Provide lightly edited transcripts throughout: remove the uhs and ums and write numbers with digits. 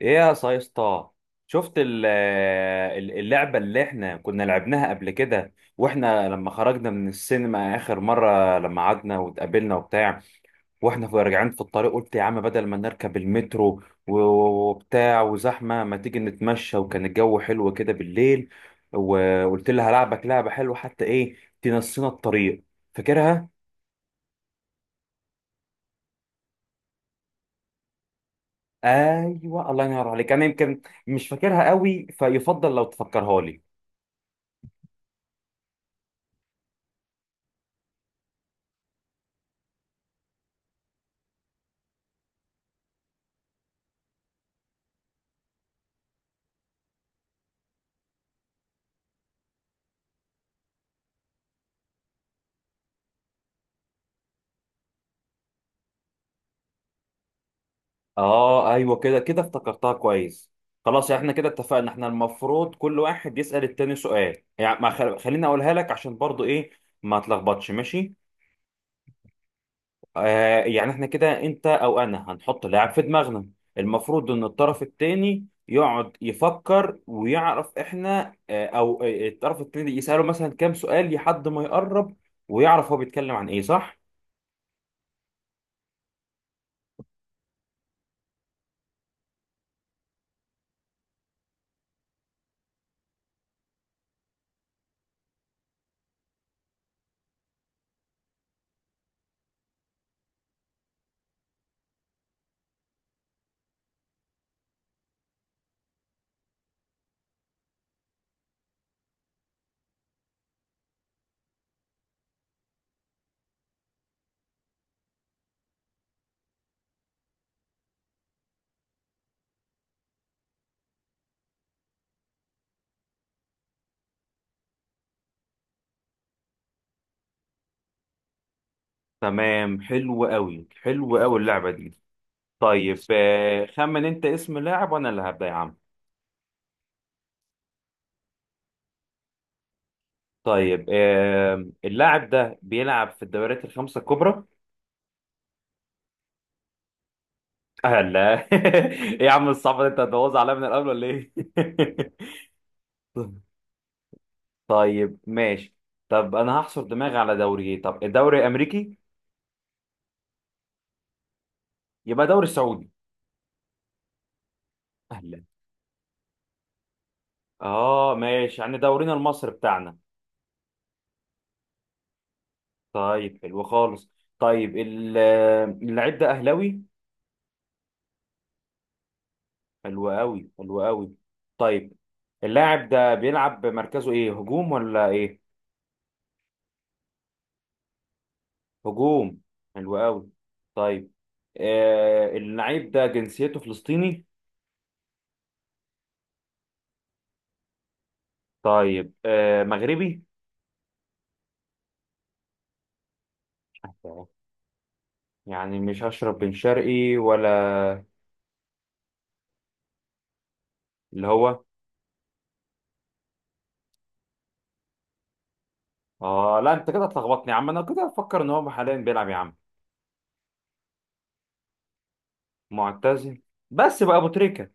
ايه يا سايستا، شفت اللعبة اللي احنا كنا لعبناها قبل كده، واحنا لما خرجنا من السينما اخر مرة لما قعدنا واتقابلنا وبتاع، واحنا راجعين في الطريق. قلت يا عم بدل ما نركب المترو و- وبتاع وزحمة، ما تيجي نتمشى، وكان الجو حلو كده بالليل. وقلت لها هلعبك لعبة حلوة حتى ايه، تنسينا الطريق. فاكرها؟ ايوه الله ينور عليك، انا يمكن مش فاكرها قوي، فيفضل لو تفكرها لي. اه ايوه كده كده افتكرتها كويس. خلاص احنا كده اتفقنا. احنا المفروض كل واحد يسأل التاني سؤال. يعني ما خل... خليني اقولها لك عشان برضو ايه، ما تلخبطش، ماشي. يعني احنا كده انت او انا هنحط لاعب في دماغنا. المفروض ان الطرف التاني يقعد يفكر ويعرف احنا آه او آه، الطرف التاني يسأله مثلا كام سؤال لحد ما يقرب ويعرف هو بيتكلم عن ايه، صح. تمام حلو قوي حلو قوي اللعبة دي. طيب خمن انت اسم لاعب وانا اللي هبدأ يا عم. طيب اللاعب ده بيلعب في الدوريات الخمسة الكبرى. لا ايه يا عم الصعب ده، انت هتبوظ عليا من الاول ولا ايه؟ طيب ماشي. طب انا هحصر دماغي على دوري ايه، طب الدوري الامريكي. يبقى دوري سعودي. اهلا. اه ماشي، يعني دورينا المصري بتاعنا. طيب حلو خالص. طيب اللاعب ده اهلاوي. حلو قوي حلو قوي. طيب، اللاعب ده بيلعب بمركزه ايه، هجوم ولا ايه؟ هجوم. حلو قوي. طيب آه اللعيب ده جنسيته فلسطيني. طيب آه مغربي. يعني مش هشرب بن شرقي ولا؟ اللي هو. اه لا انت كده هتلخبطني يا عم، انا كده افكر ان هو حاليا بيلعب يا عم. معتزل. بس بقى ابو تريكة.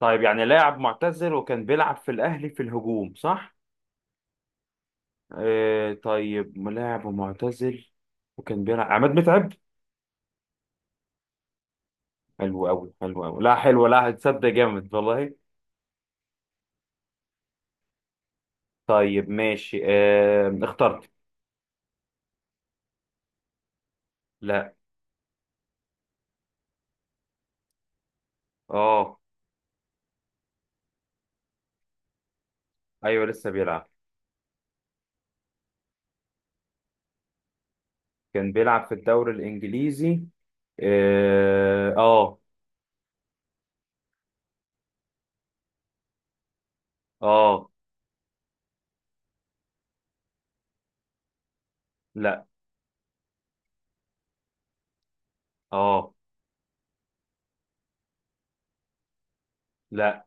طيب يعني لاعب معتزل وكان بيلعب في الاهلي في الهجوم، صح. آه طيب ملاعب ومعتزل وكان بيلعب، عماد متعب. حلو أوي حلو أوي، لا حلو، لا هتصدق جامد والله. طيب ماشي آه اخترت. لا. اه ايوه لسه بيلعب. كان بيلعب في الدوري الانجليزي. اه اه. آه، لا. اه. لا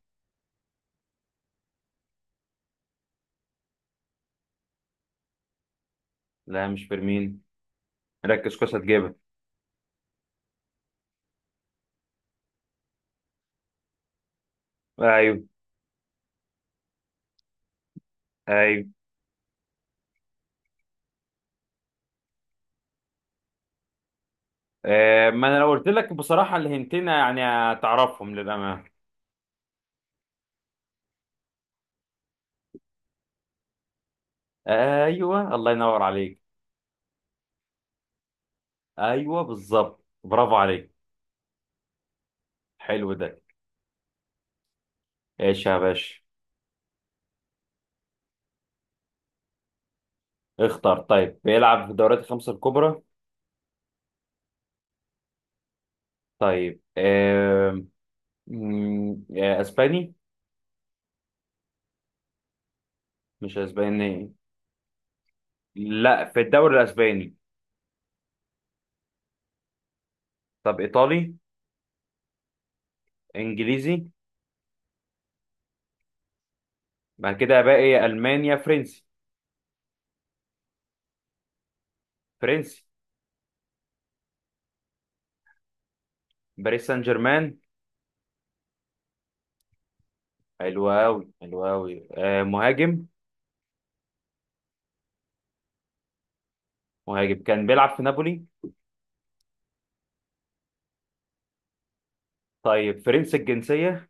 لا مش فيرمين، ركز كويس هتجيبها. ايوه. ايوه. آه ما انا لو قلت لك بصراحه الهنتين يعني هتعرفهم للامانه. ايوه الله ينور عليك. ايوه بالظبط برافو عليك. حلو ده. ايش يا باشا؟ اختار. طيب بيلعب في الدوريات الخمسة الكبرى. طيب آم، مم، آه، اسباني. مش اسباني، لا في الدوري الاسباني. طب ايطالي. انجليزي. بعد كده باقي المانيا فرنسي. فرنسي. باريس سان جيرمان. حلو قوي حلو قوي مهاجم. مهاجم كان بيلعب في نابولي. طيب فرنسي الجنسية.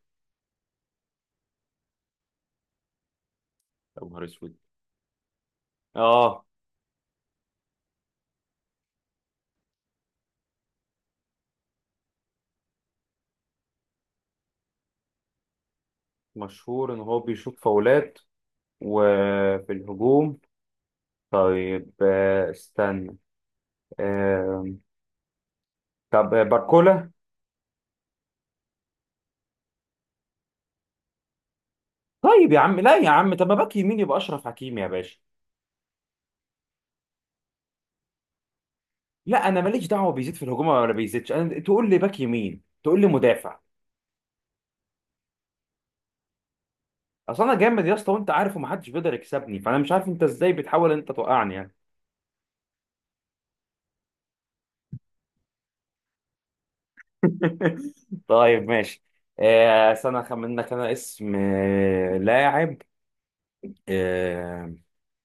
يا نهار اسود. اه مشهور ان هو بيشوط فاولات وفي الهجوم. طيب استنى. آم، طب باركولا. طيب يا عم، لا يا عم طب ما باك يمين يبقى اشرف حكيمي يا باشا. لا انا ماليش دعوه بيزيد في الهجوم ولا بيزيدش، انا تقول لي باك يمين، تقول لي مدافع. اصل انا جامد يا اسطى، وانت عارف، ومحدش بيقدر يكسبني، فانا مش عارف انت ازاي بتحاول انت توقعني يعني. طيب ماشي. استنى اخمن لك انا اسم لاعب. آه،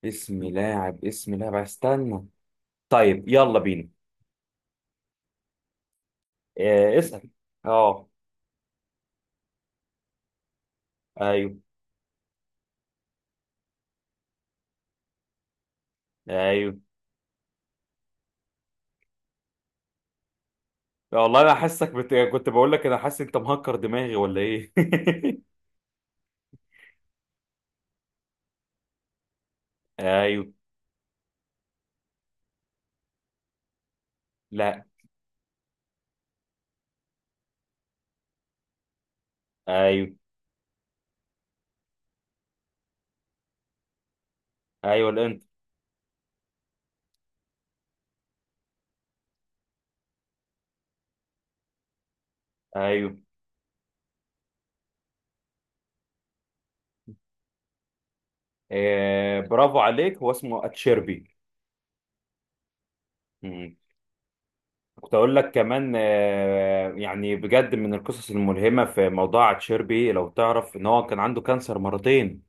اسم لاعب اسم لاعب استنى. طيب يلا بينا. اسأل. اه. ايوه. ايوه. والله انا كنت بقول لك انا حاسس انت مهكر دماغي ولا ايه. ايوه. لا. ايوه. ايوه الانت. ايوه. برافو عليك، هو اسمه اتشيربي. مم. كنت اقول لك كمان يعني بجد من القصص الملهمة في موضوع اتشيربي، لو تعرف ان هو كان عنده كانسر مرتين.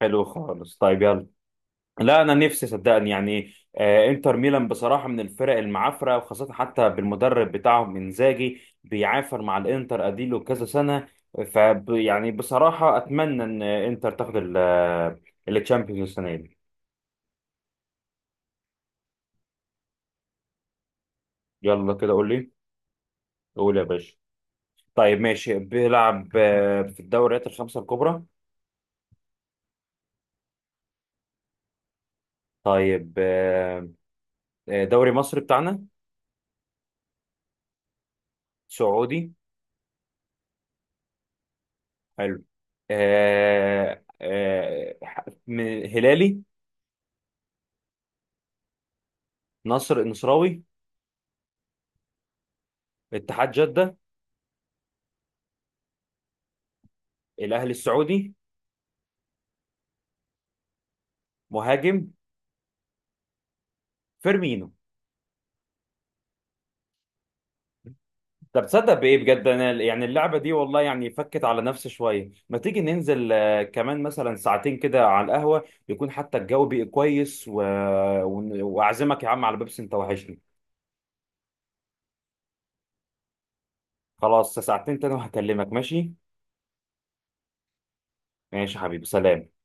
حلو خالص طيب يلا. لا انا نفسي صدقني يعني انتر ميلان بصراحه من الفرق المعافره، وخاصه حتى بالمدرب بتاعهم انزاجي، بيعافر مع الانتر اديله كذا سنه. ف يعني بصراحه اتمنى ان انتر تاخد الشامبيونز السنه دي. يلا كده قول لي. قول يا باشا. طيب ماشي بيلعب في الدوريات الخمسه الكبرى. طيب دوري مصر بتاعنا. سعودي. حلو. هلالي. نصر النصراوي. اتحاد جدة. الاهلي السعودي. مهاجم. فيرمينو. طب تصدق بايه بجد انا يعني اللعبه دي والله يعني فكت على نفسي شويه. ما تيجي ننزل كمان مثلا ساعتين كده على القهوه، يكون حتى الجو بقى كويس و... واعزمك يا عم على بيبسي، انت وحشني. خلاص، ساعتين تاني وهكلمك، ماشي. ماشي يا حبيبي، سلام.